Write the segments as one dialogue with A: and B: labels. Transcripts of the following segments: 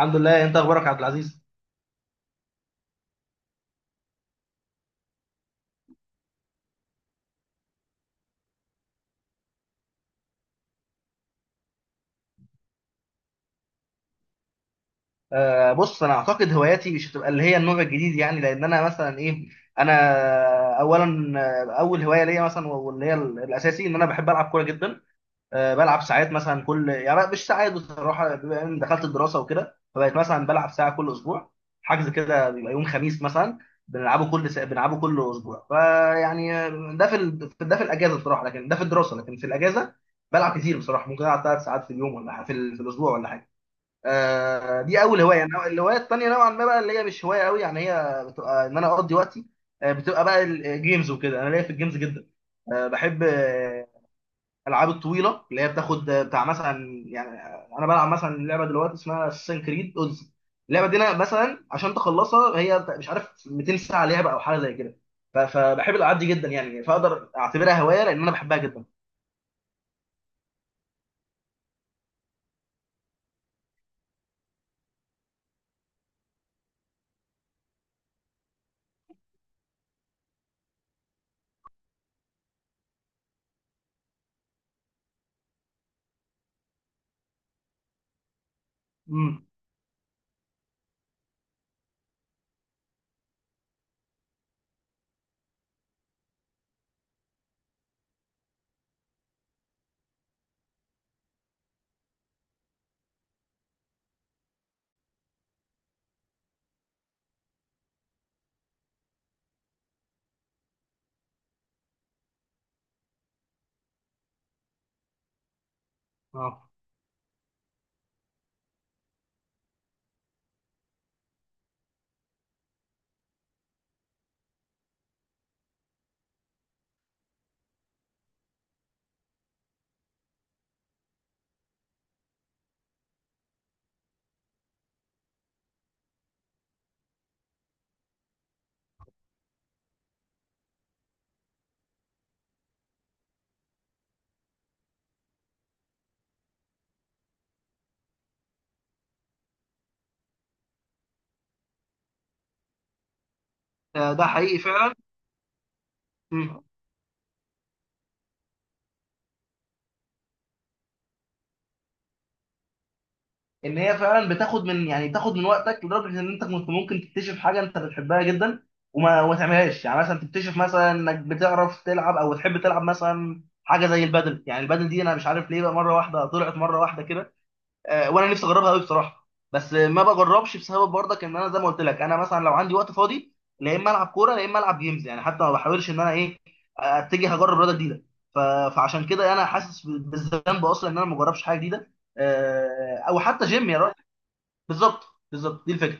A: الحمد لله. انت اخبارك يا عبد العزيز؟ بص، انا اعتقد هواياتي مش هتبقى اللي هي النوع الجديد، يعني لان انا مثلا ايه. انا اولا اول هوايه ليا مثلا، واللي هي الاساسي ان انا بحب العب كوره جدا. بلعب ساعات مثلا، يعني مش ساعات بصراحه، بما اني دخلت الدراسه وكده، فبقيت مثلا بلعب ساعه كل اسبوع. حجز كده بيبقى يوم خميس مثلا. بنلعبه كل اسبوع، فيعني ده في الاجازه بصراحه، لكن ده في الدراسه، لكن في الاجازه بلعب كتير بصراحه. ممكن العب 3 ساعات في اليوم، ولا في الاسبوع ولا حاجه. دي اول هوايه. يعني الهوايه التانيه نوعا ما بقى، اللي هي مش هوايه قوي يعني، هي بتبقى ان انا اقضي وقتي. بتبقى بقى الجيمز وكده. انا ليا في الجيمز جدا. بحب الالعاب الطويله اللي هي بتاخد بتاع مثلا، يعني انا بلعب مثلا لعبه دلوقتي اسمها اساسن كريد اودز. اللعبه دي انا مثلا عشان تخلصها هي مش عارف 200 ساعه لعبه او حاجه زي كده. فبحب الالعاب دي جدا يعني. فاقدر اعتبرها هوايه لان انا بحبها جدا. امم. اه. ده حقيقي فعلا. مم. ان هي فعلا بتاخد من، يعني بتاخد من وقتك لدرجه ان انت كنت ممكن تكتشف حاجه انت بتحبها جدا، وما تعملهاش. يعني مثلا تكتشف مثلا انك بتعرف تلعب او بتحب تلعب مثلا حاجه زي البادل. يعني البادل دي انا مش عارف ليه، بقى مره واحده طلعت مره واحده كده. وانا نفسي اجربها قوي بصراحه، بس ما بجربش بسبب، برضك ان انا زي ما قلت لك، انا مثلا لو عندي وقت فاضي، لا اما العب كوره، لا اما العب جيمز. يعني حتى ما بحاولش ان انا ايه، اتجه اجرب رياضه جديده. ف- فعشان كده انا حاسس بالذنب اصلا ان انا ما بجربش حاجه جديده، او حتى جيم يا راجل. بالظبط. بالظبط دي الفكره.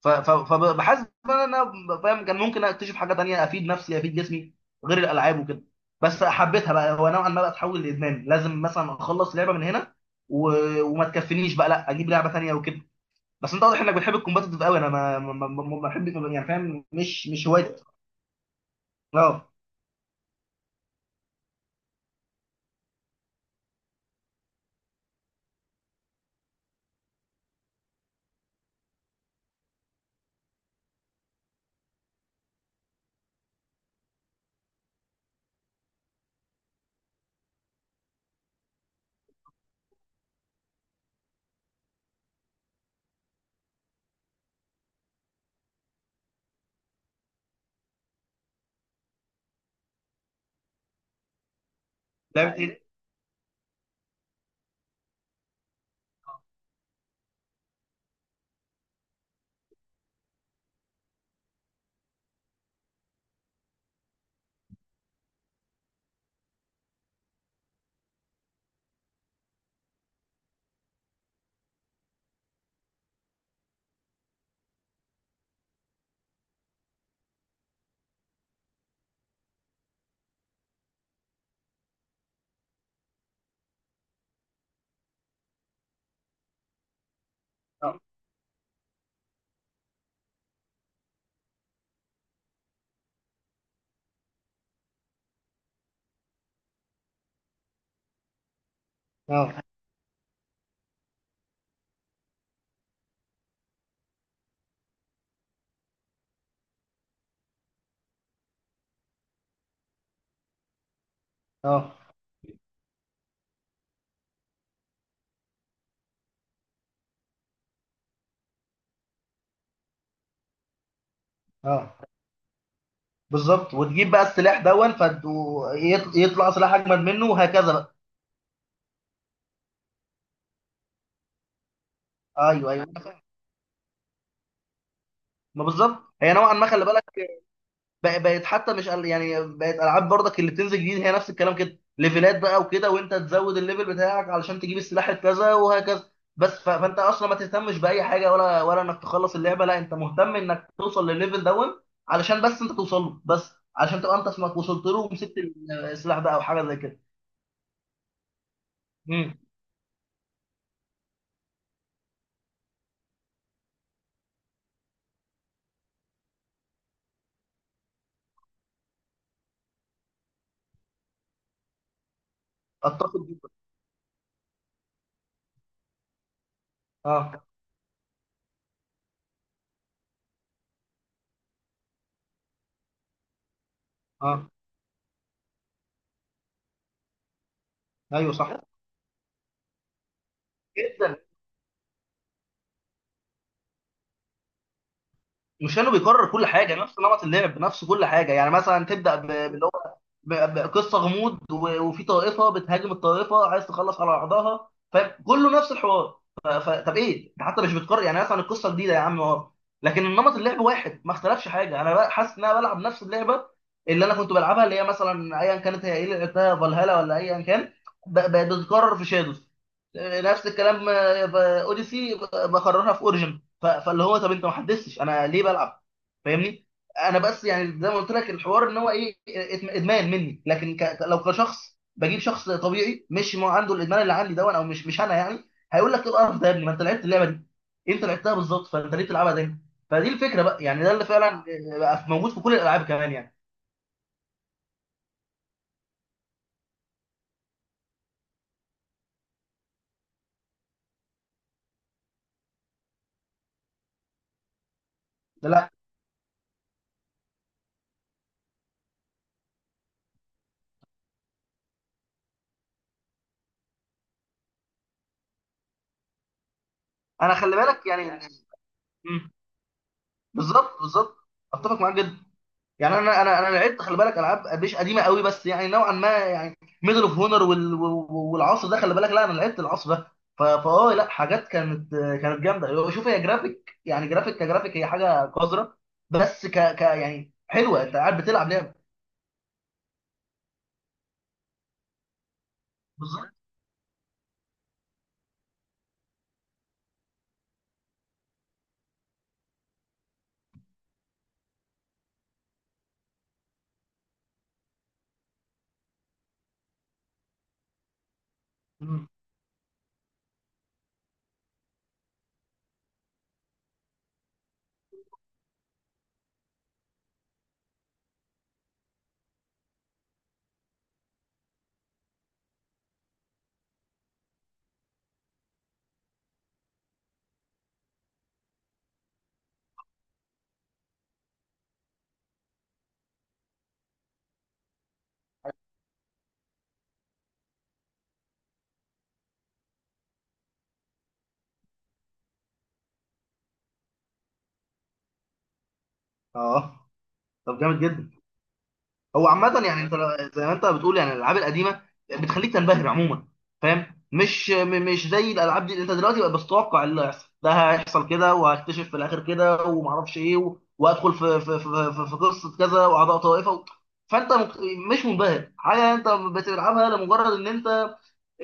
A: فبحس ان انا فاهم كان ممكن اكتشف حاجه تانية، افيد نفسي، افيد جسمي غير الالعاب وكده. بس حبيتها بقى. هو نوعا ما بقى تحول لادمان، لازم مثلا اخلص لعبه من هنا و... وما تكفينيش بقى، لا اجيب لعبه تانية وكده. بس انت واضح انك بتحب الكومباتيتيف قوي. انا ما بحب، يعني فاهم، مش هوايتي. اه. لعبه ايه؟ اه، اه، اه، اه. بالظبط. وتجيب بقى السلاح دون، يطلع سلاح اجمد منه وهكذا بقى. ايوه، ايوه. ما بالظبط، هي نوعا ما، خلي بالك، بقت حتى مش يعني بقت العاب برضك اللي بتنزل جديد هي نفس الكلام كده. ليفلات بقى وكده، وانت تزود الليفل بتاعك علشان تجيب السلاح الكذا وهكذا بس. فانت اصلا ما تهتمش باي حاجه، ولا انك تخلص اللعبه، لا انت مهتم انك توصل للليفل دون، علشان بس انت توصل له، بس علشان تبقى انت اسمك وصلت له ومسكت السلاح ده او حاجه زي كده. امم. اتفق جدا. اه، اه. ايوه صح، جدا. مش انه بيكرر كل حاجه، نفس نمط اللعب، نفس كل حاجه، يعني مثلا تبدا ب- ب قصه غموض وفي طائفه بتهاجم الطائفه عايز تخلص على بعضها فاهم، كله نفس الحوار. طب ايه، انت حتى مش بتكرر، يعني مثلا القصه جديده يا عم اه، لكن النمط اللعب واحد ما اختلفش حاجه. انا بقى حاسس ان انا بلعب نفس اللعبه اللي انا كنت بلعبها، اللي هي مثلا ايا كانت، هي ايه اللي لعبتها، فالهالا ولا ايا كان، بتتكرر في شادوز نفس الكلام. اوديسي بكررها في اوريجن. فاللي هو، طب انت ما حدثتش انا ليه بلعب، فاهمني. انا بس يعني زي ما قلت لك الحوار ان هو ايه، ادمان مني. لكن لو كشخص، بجيب شخص طبيعي مش ما عنده الادمان اللي عندي ده، او مش انا يعني، هيقول لك ايه القرف ده يا ابني، ما انت لعبت اللعبه دي، انت لعبتها بالظبط، فانت ليه بتلعبها تاني. فدي الفكره بقى. يعني ده اللي فعلا بقى موجود في كل الالعاب كمان يعني. لا، انا خلي بالك يعني. مم. بالظبط، بالظبط. اتفق معاك جدا. يعني انا لعبت، خلي بالك، العاب مش قديمه قوي بس يعني نوعا ما، يعني ميدل اوف هونر والعصر ده، خلي بالك. لا انا لعبت العصر ده. فاه، لا، حاجات كانت جامده. شوف، هي جرافيك، يعني جرافيك كجرافيك هي حاجه قذره، بس ك ك يعني حلوه، انت قاعد بتلعب لعبه. بالظبط. مم. اه. طب جامد جدا. هو عامة، يعني انت زي ما انت بتقول، يعني الالعاب القديمة بتخليك تنبهر عموما، فاهم؟ مش مش زي الالعاب دي، انت دلوقتي بقى بتتوقع اللي هيحصل، ده هيحصل كده، وهكتشف في الاخر كده، ومعرفش ايه، وادخل في قصة كذا واعضاء طائفة فانت مش منبهر حاجة، انت بتلعبها لمجرد ان انت،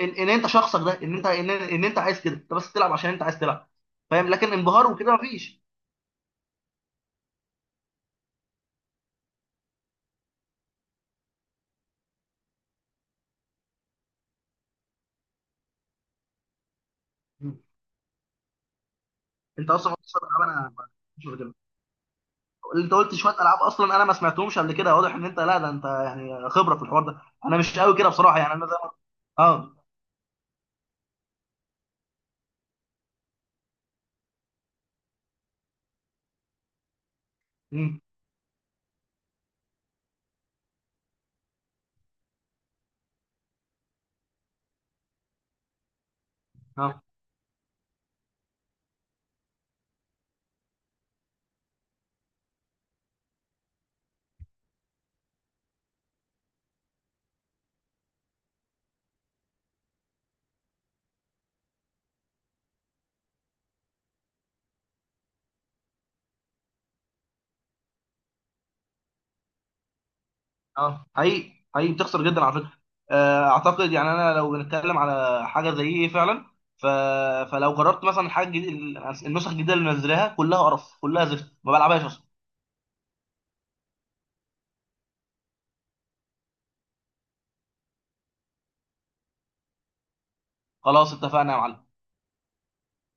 A: ان انت شخصك ده، ان انت، ان انت عايز كده، انت بس تلعب عشان انت عايز تلعب، فاهم؟ لكن انبهار وكده مفيش. انت اصلا بتصل العاب، انا مش كده. اللي انت قلت شويه العاب اصلا، انا ما سمعتهمش قبل كده، واضح ان انت، لا ده انت يعني خبره في الحوار ده، انا مش قوي كده بصراحه. يعني انا زي ما، اه. مم. اه، اه، حقيقي حقيقي بتخسر جدا على فكره. اعتقد يعني انا لو بنتكلم على حاجه زي ايه فعلا. ف... فلو جربت مثلا حاجه جديد... النسخ الجديده اللي منزلاها كلها قرف، كلها زفت ما بلعبهاش اصلا. خلاص اتفقنا يا معلم.